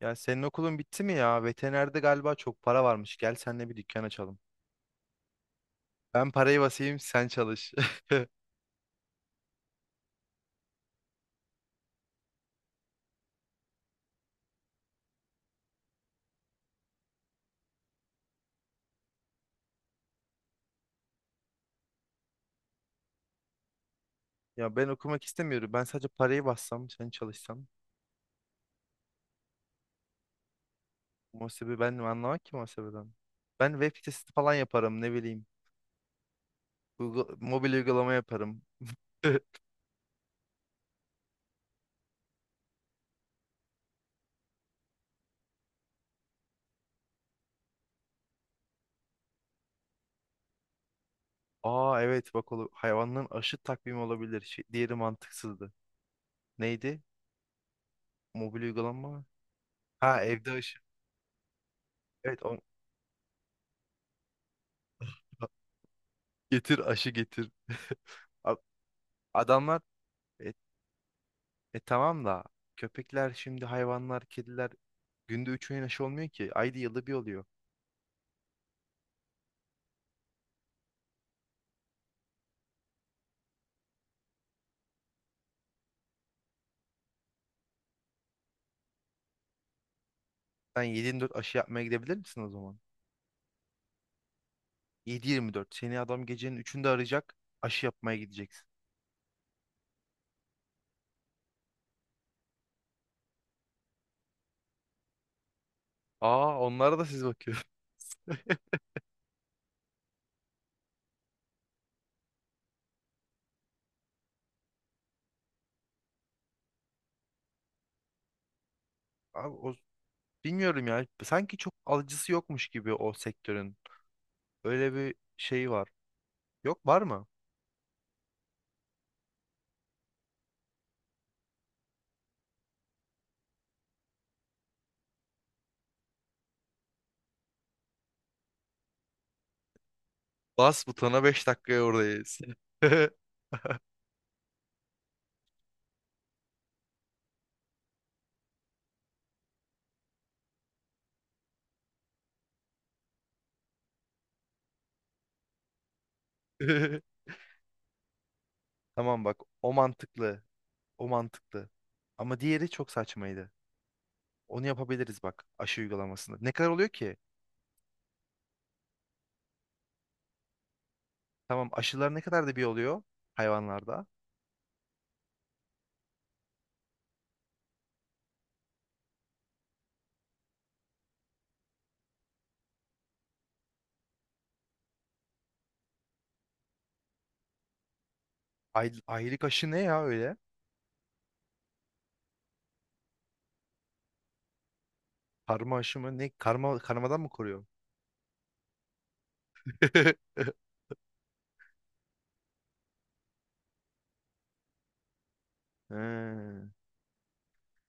Ya senin okulun bitti mi ya? Veterinerde galiba çok para varmış. Gel seninle bir dükkan açalım. Ben parayı basayım, sen çalış. Ya ben okumak istemiyorum. Ben sadece parayı bassam, sen çalışsan. Muhasebe ben mi anlamak ki muhasebeden? Ben web sitesi falan yaparım, ne bileyim. Mobil uygulama yaparım. Aa evet bak hayvanların aşı takvimi olabilir. Şey, diğeri mantıksızdı. Neydi? Mobil uygulama mı? Ha, evde aşı. Evet getir aşı getir. A- Adamlar, e, e tamam da köpekler, şimdi hayvanlar, kediler günde 3 öğün aşı olmuyor ki. Ayda yılda bir oluyor. Sen 7-24 aşı yapmaya gidebilir misin o zaman? 7-24 seni adam gecenin üçünde arayacak, aşı yapmaya gideceksin. Aa, onlara da siz bakıyorsunuz. Abi bilmiyorum ya, sanki çok alıcısı yokmuş gibi o sektörün. Öyle bir şey var. Yok, var mı? Bas butona, 5 dakikaya oradayız. Tamam bak, o mantıklı. O mantıklı. Ama diğeri çok saçmaydı. Onu yapabiliriz bak, aşı uygulamasında. Ne kadar oluyor ki? Tamam, aşılar ne kadar da bir oluyor hayvanlarda? Ay, aylık aşı ne ya öyle? Karma aşı mı? Ne? Karma, karmadan mı koruyor? He.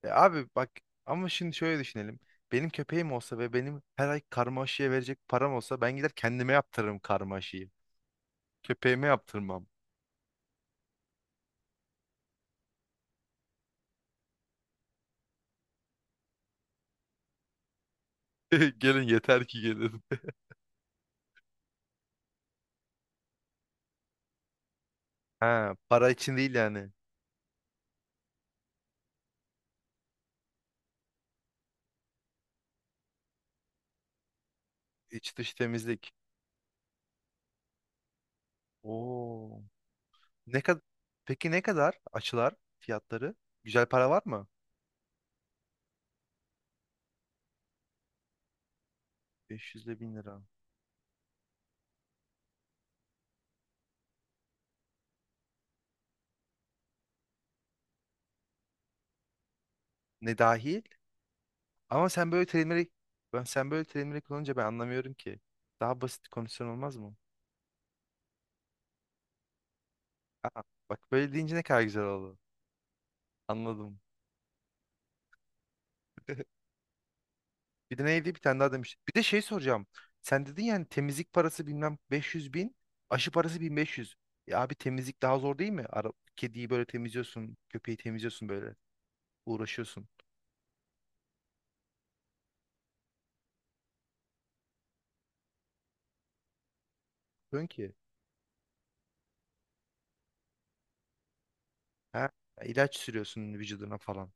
E abi bak, ama şimdi şöyle düşünelim. Benim köpeğim olsa ve benim her ay karma aşıya verecek param olsa, ben gider kendime yaptırırım karma aşıyı. Köpeğime yaptırmam. Gelin, yeter ki gelin. Ha, para için değil yani. İç dış temizlik. Oo. Ne kadar Peki ne kadar açılar fiyatları? Güzel para var mı? 500 ile 1000 lira. Ne dahil? Ama sen böyle terimleri ben sen böyle terimleri kullanınca ben anlamıyorum ki. Daha basit komisyon olmaz mı? Aa, bak böyle deyince ne kadar güzel oldu. Anladım. Bir de neydi? Bir tane daha demiş. Bir de şey soracağım. Sen dedin yani, temizlik parası bilmem 500 bin, aşı parası 1500. Ya abi, temizlik daha zor değil mi? Ara, kediyi böyle temizliyorsun, köpeği temizliyorsun böyle. Uğraşıyorsun. Diyorsun ki Ha, ilaç sürüyorsun vücuduna falan.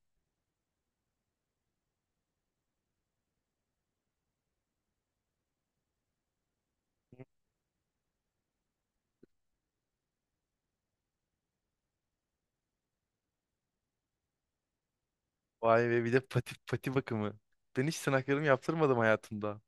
Vay be, bir de pati bakımı. Ben hiç tırnaklarımı yaptırmadım hayatımda.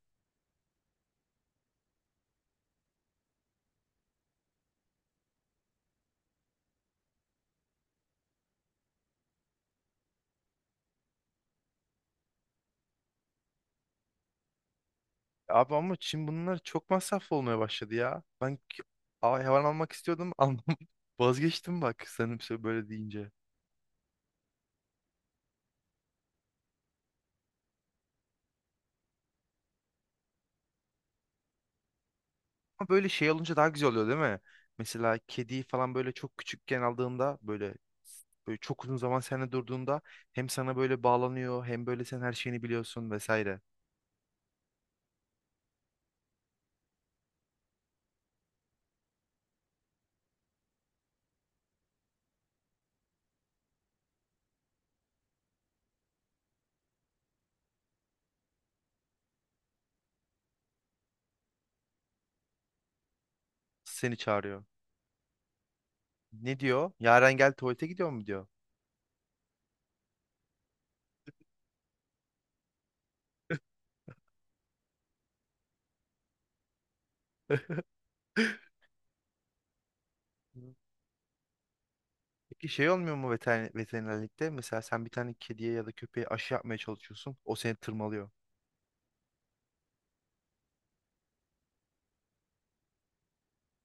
Abi ama şimdi bunlar çok masraflı olmaya başladı ya. Hayvan almak istiyordum, almam. Vazgeçtim bak, sanırım böyle deyince. Ama böyle şey olunca daha güzel oluyor değil mi? Mesela kediyi falan böyle çok küçükken aldığında, böyle böyle çok uzun zaman seninle durduğunda, hem sana böyle bağlanıyor, hem böyle sen her şeyini biliyorsun vesaire. Seni çağırıyor. Ne diyor? Yaren gel tuvalete, gidiyor mu diyor. Peki şey olmuyor mu veterinerlikte? Mesela sen bir tane kediye ya da köpeğe aşı yapmaya çalışıyorsun. O seni tırmalıyor.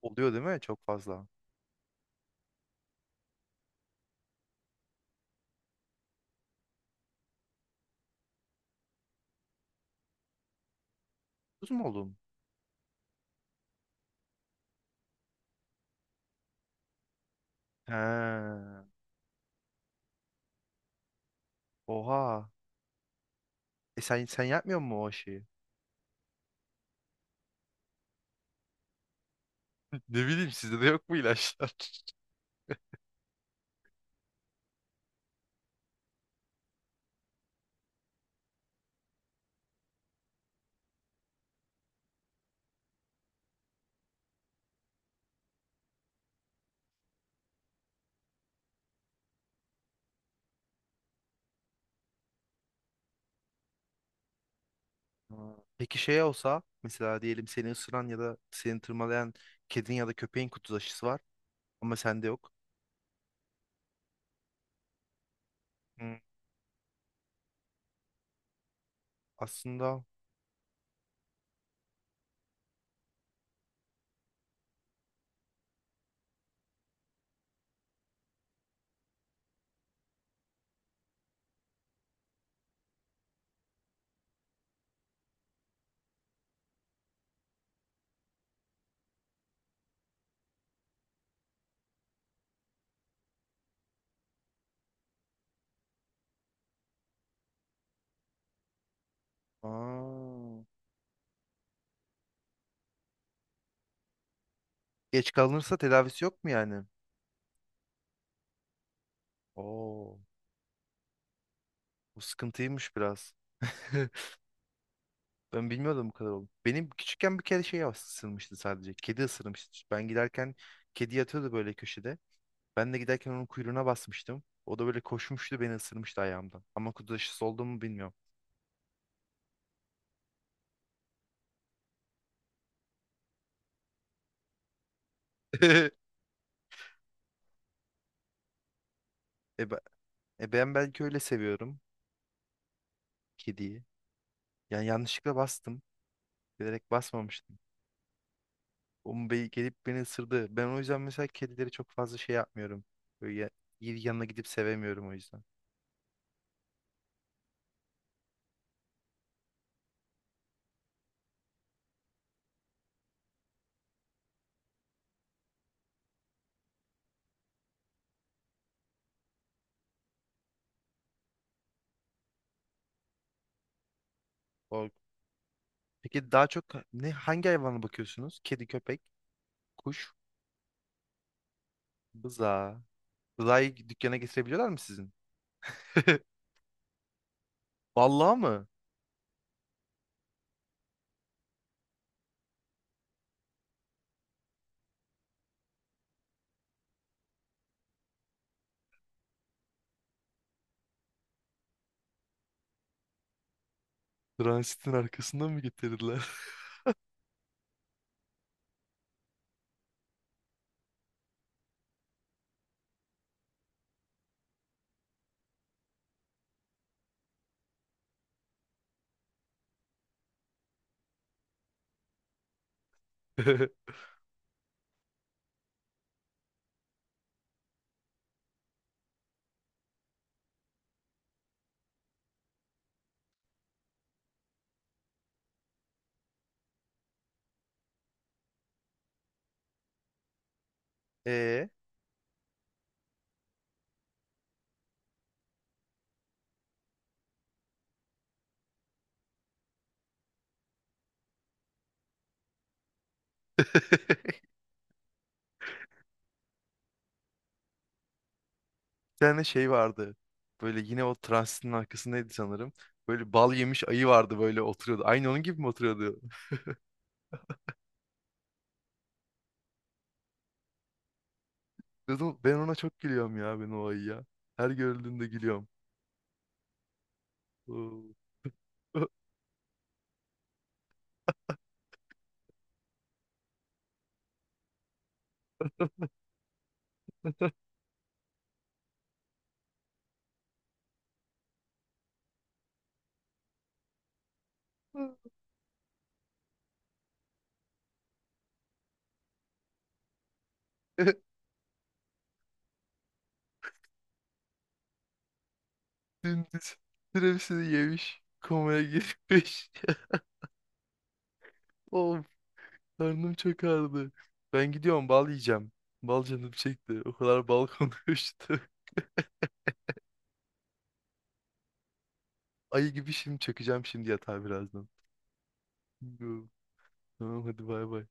Oluyor değil mi? Çok fazla. Kız mı oldun? He. Oha. E sen yapmıyor musun o aşıyı? Ne bileyim, sizde de yok mu ilaçlar? Aa. Peki şey olsa mesela, diyelim seni ısıran ya da seni tırmalayan kedin ya da köpeğin kutu aşısı var, ama sende yok. Hmm, aslında. Aa, geç kalınırsa tedavisi yok mu yani? Oo, bu sıkıntıymış biraz. Ben bilmiyordum bu kadar oldu. Benim küçükken bir kere şey ısırmıştı sadece. Kedi ısırmıştı. Ben giderken kedi yatıyordu böyle köşede. Ben de giderken onun kuyruğuna basmıştım. O da böyle koşmuştu, beni ısırmıştı ayağımdan. Ama kutu aşısı olduğumu bilmiyorum. E, ben- E ben belki öyle seviyorum kediyi. Yani yanlışlıkla bastım. Bilerek basmamıştım. O mu be gelip beni ısırdı. Ben o yüzden mesela kedileri çok fazla şey yapmıyorum. Böyle ya- Yanına gidip sevemiyorum o yüzden. O... Peki daha çok ne, hangi hayvana bakıyorsunuz? Kedi, köpek, kuş, bıza. Bızayı dükkana getirebiliyorlar mı sizin? Vallahi mı? Transitin arkasından mı getirdiler? E bir tane şey vardı. Böyle yine o transistorun arkasındaydı sanırım. Böyle bal yemiş ayı vardı, böyle oturuyordu. Aynı onun gibi mi oturuyordu? Dedim, ben ona çok gülüyorum ya, ben o ayıya. Her gördüğümde gülüyorum. Oo. Dümdüz türevsini yemiş. Komaya girmiş. Of, karnım çok ağrıdı. Ben gidiyorum bal yiyeceğim. Bal canım çekti. O kadar bal konuştu. Ayı gibi şimdi çökeceğim şimdi yatağa birazdan. Tamam hadi bay bay.